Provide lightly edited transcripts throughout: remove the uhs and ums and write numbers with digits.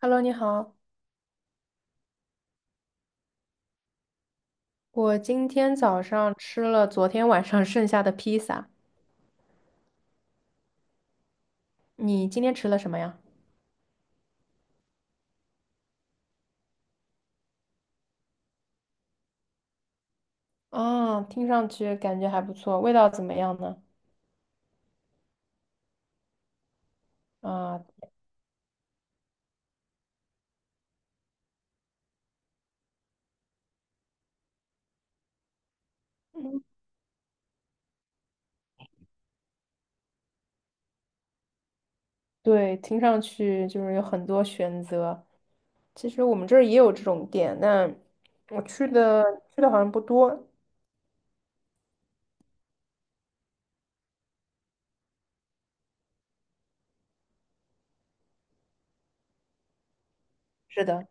Hello，你好，我今天早上吃了昨天晚上 剩下的披萨，你今天吃了什么呀？啊，听上去感觉还不错，味道怎么样呢？啊，对，听上去就是有很多选择。其实我们这儿也有这种店，但我去的好像不多。是的，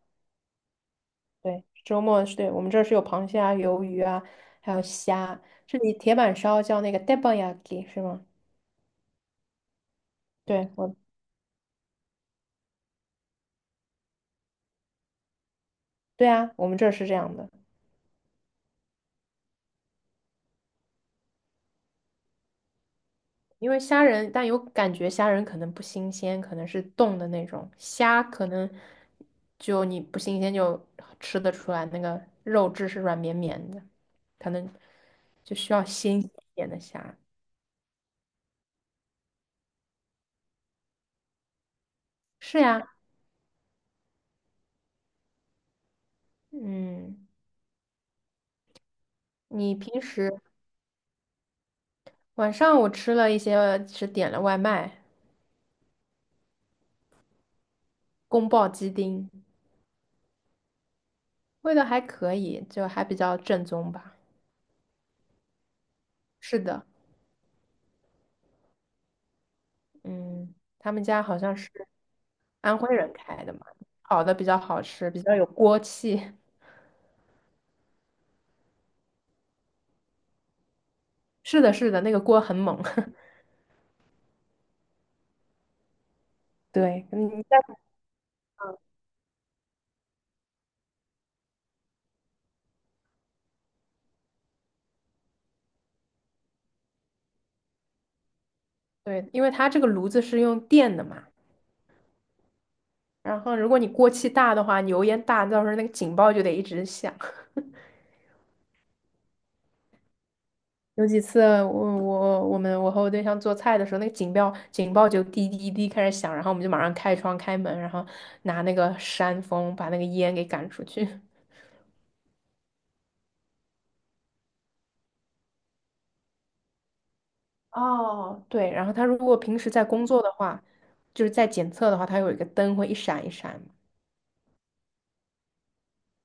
对，周末是对我们这儿是有螃蟹啊、鱿鱼啊，还有虾。这里铁板烧叫那个 teppanyaki 是吗？对，对啊，我们这儿是这样的。因为虾仁，但有感觉虾仁可能不新鲜，可能是冻的那种虾，可能就你不新鲜就吃得出来，那个肉质是软绵绵的，可能就需要新鲜一点的虾。是呀，嗯，你平时晚上我吃了一些，是点了外卖，宫爆鸡丁，味道还可以，就还比较正宗吧。是的，嗯，他们家好像是。安徽人开的嘛，烤的比较好吃，比较有锅气。是的，是的，那个锅很猛。对，嗯你在对，因为它这个炉子是用电的嘛，然后如果你锅气大的话，你油烟大，到时候那个警报就得一直响。有几次我和我对象做菜的时候，那个警报就滴滴滴开始响，然后我们就马上开窗开门，然后拿那个扇风把那个烟给赶出去。哦，对，然后它如果平时在工作的话，就是在检测的话，它有一个灯会一闪一闪。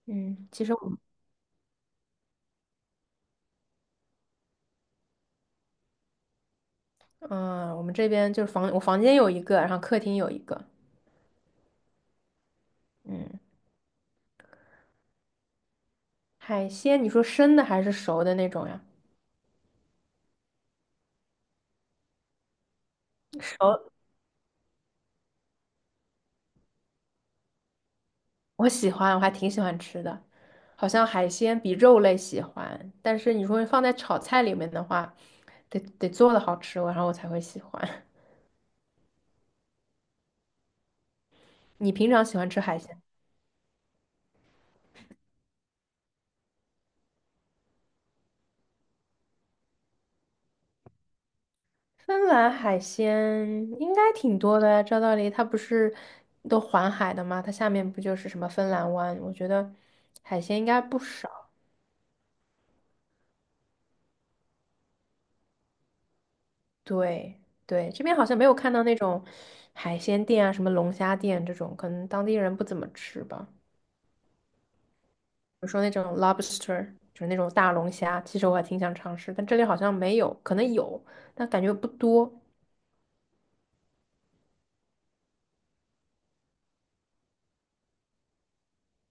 嗯，其实我们这边就是房，我房间有一个，然后客厅有一个。嗯，海鲜，你说生的还是熟的那种呀？熟，我喜欢，我还挺喜欢吃的，好像海鲜比肉类喜欢，但是你说放在炒菜里面的话，得做的好吃，然后我才会喜欢。你平常喜欢吃海鲜吗？芬兰海鲜应该挺多的呀，照道理它不是都环海的吗？它下面不就是什么芬兰湾？我觉得海鲜应该不少。对对，这边好像没有看到那种海鲜店啊，什么龙虾店这种，可能当地人不怎么吃吧。比如说那种 lobster，就是那种大龙虾，其实我还挺想尝试，但这里好像没有，可能有，但感觉不多。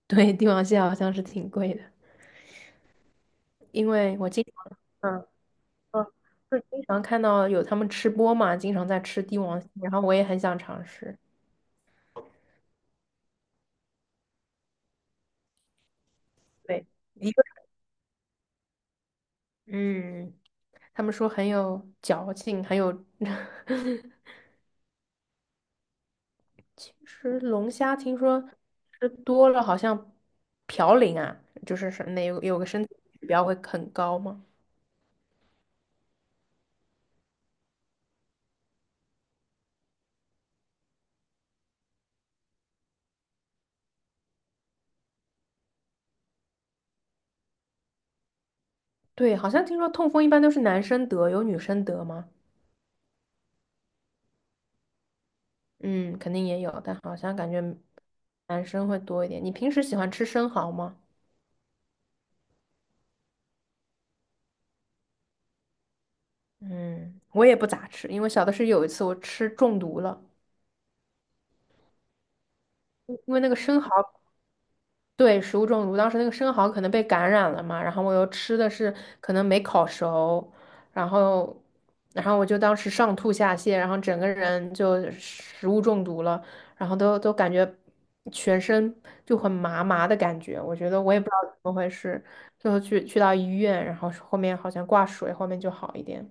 对，帝王蟹好像是挺贵的，因为我经常。嗯嗯，就是经常看到有他们吃播嘛，经常在吃帝王蟹，然后我也很想尝试。对，一个 嗯，他们说很有嚼劲，很有。其实龙虾听说吃多了好像嘌呤啊，就是是那有个身体指标会很高吗？对，好像听说痛风一般都是男生得，有女生得吗？嗯，肯定也有，但好像感觉男生会多一点。你平时喜欢吃生蚝吗？嗯，我也不咋吃，因为小的是有一次我吃中毒了，因为那个生蚝，对，食物中毒，当时那个生蚝可能被感染了嘛，然后我又吃的是可能没烤熟，然后，然后我就当时上吐下泻，然后整个人就食物中毒了，然后都感觉全身就很麻麻的感觉，我觉得我也不知道怎么回事，最后去到医院，然后后面好像挂水，后面就好一点。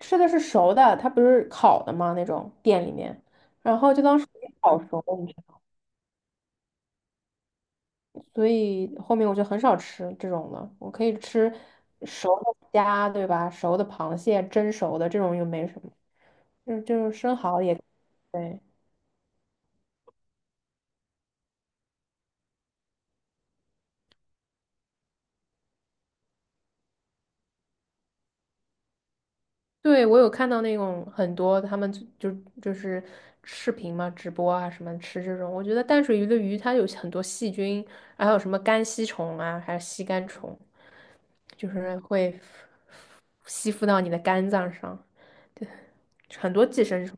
吃的是熟的，它不是烤的吗？那种店里面，然后就当是没烤熟你知道吗，所以后面我就很少吃这种了。我可以吃熟的虾，对吧？熟的螃蟹，蒸熟的这种又没什么，就是生蚝也对。对，我有看到那种很多他们就就是视频嘛，直播啊什么吃这种，我觉得淡水鱼的鱼它有很多细菌，还有什么肝吸虫啊，还有吸肝虫，就是会吸附到你的肝脏上。很多寄生虫，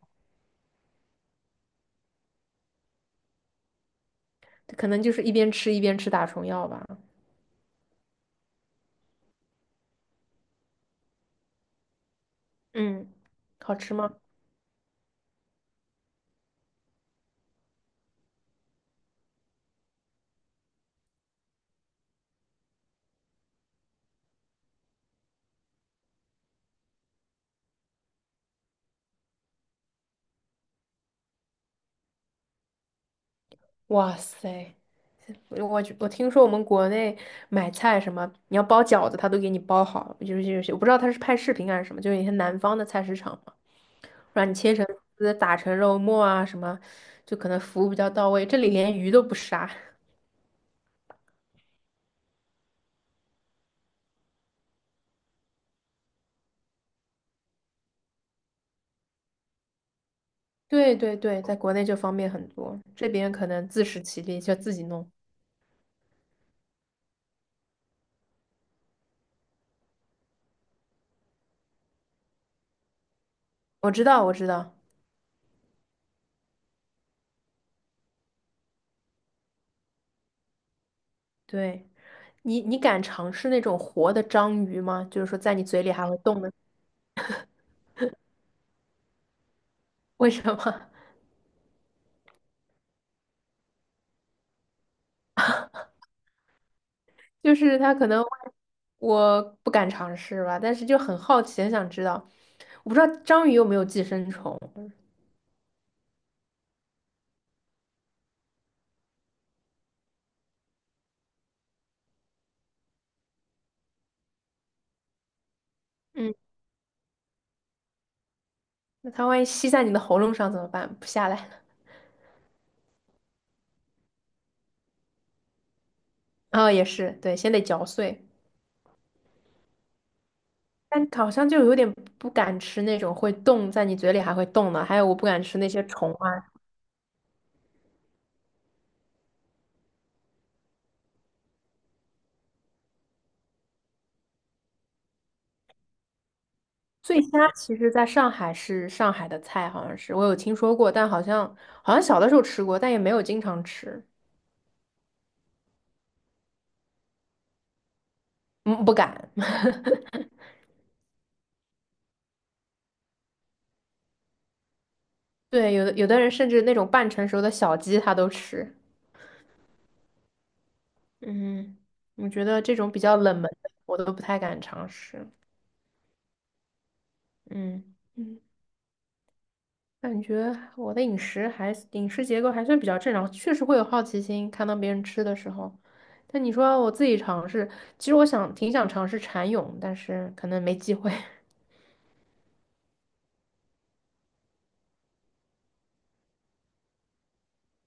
可能就是一边吃一边吃打虫药吧。嗯，好吃吗？哇塞，我听说我们国内买菜什么，你要包饺子，他都给你包好，就是我不知道他是拍视频还是什么，就是一些南方的菜市场嘛，让你切成丝，打成肉末啊什么，就可能服务比较到位。这里连鱼都不杀。对对对，在国内就方便很多，这边可能自食其力，就自己弄。我知道，我知道。对，你敢尝试那种活的章鱼吗？就是说在你嘴里还会动的，为什么？就是它可能。我不敢尝试吧，但是就很好奇，很想知道。我不知道章鱼有没有寄生虫，嗯，那它万一吸在你的喉咙上怎么办？不下来了。哦，也是，对，先得嚼碎。但好像就有点不敢吃那种会动，在你嘴里还会动的，还有我不敢吃那些虫啊。醉虾其实在上海是上海的菜，好像是我有听说过，但好像小的时候吃过，但也没有经常吃，嗯，不敢。对，有的人甚至那种半成熟的小鸡他都吃。嗯，我觉得这种比较冷门的我都不太敢尝试。嗯嗯，感觉我的饮食结构还算比较正常，确实会有好奇心，看到别人吃的时候。但你说我自己尝试，其实我想挺想尝试蚕蛹，但是可能没机会。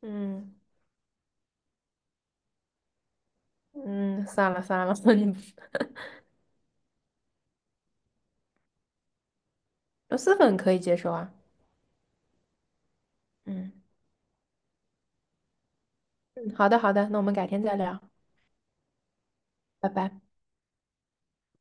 嗯嗯，算了算了，你不螺蛳粉可以接受啊。嗯嗯，好的好的，那我们改天再聊，拜拜。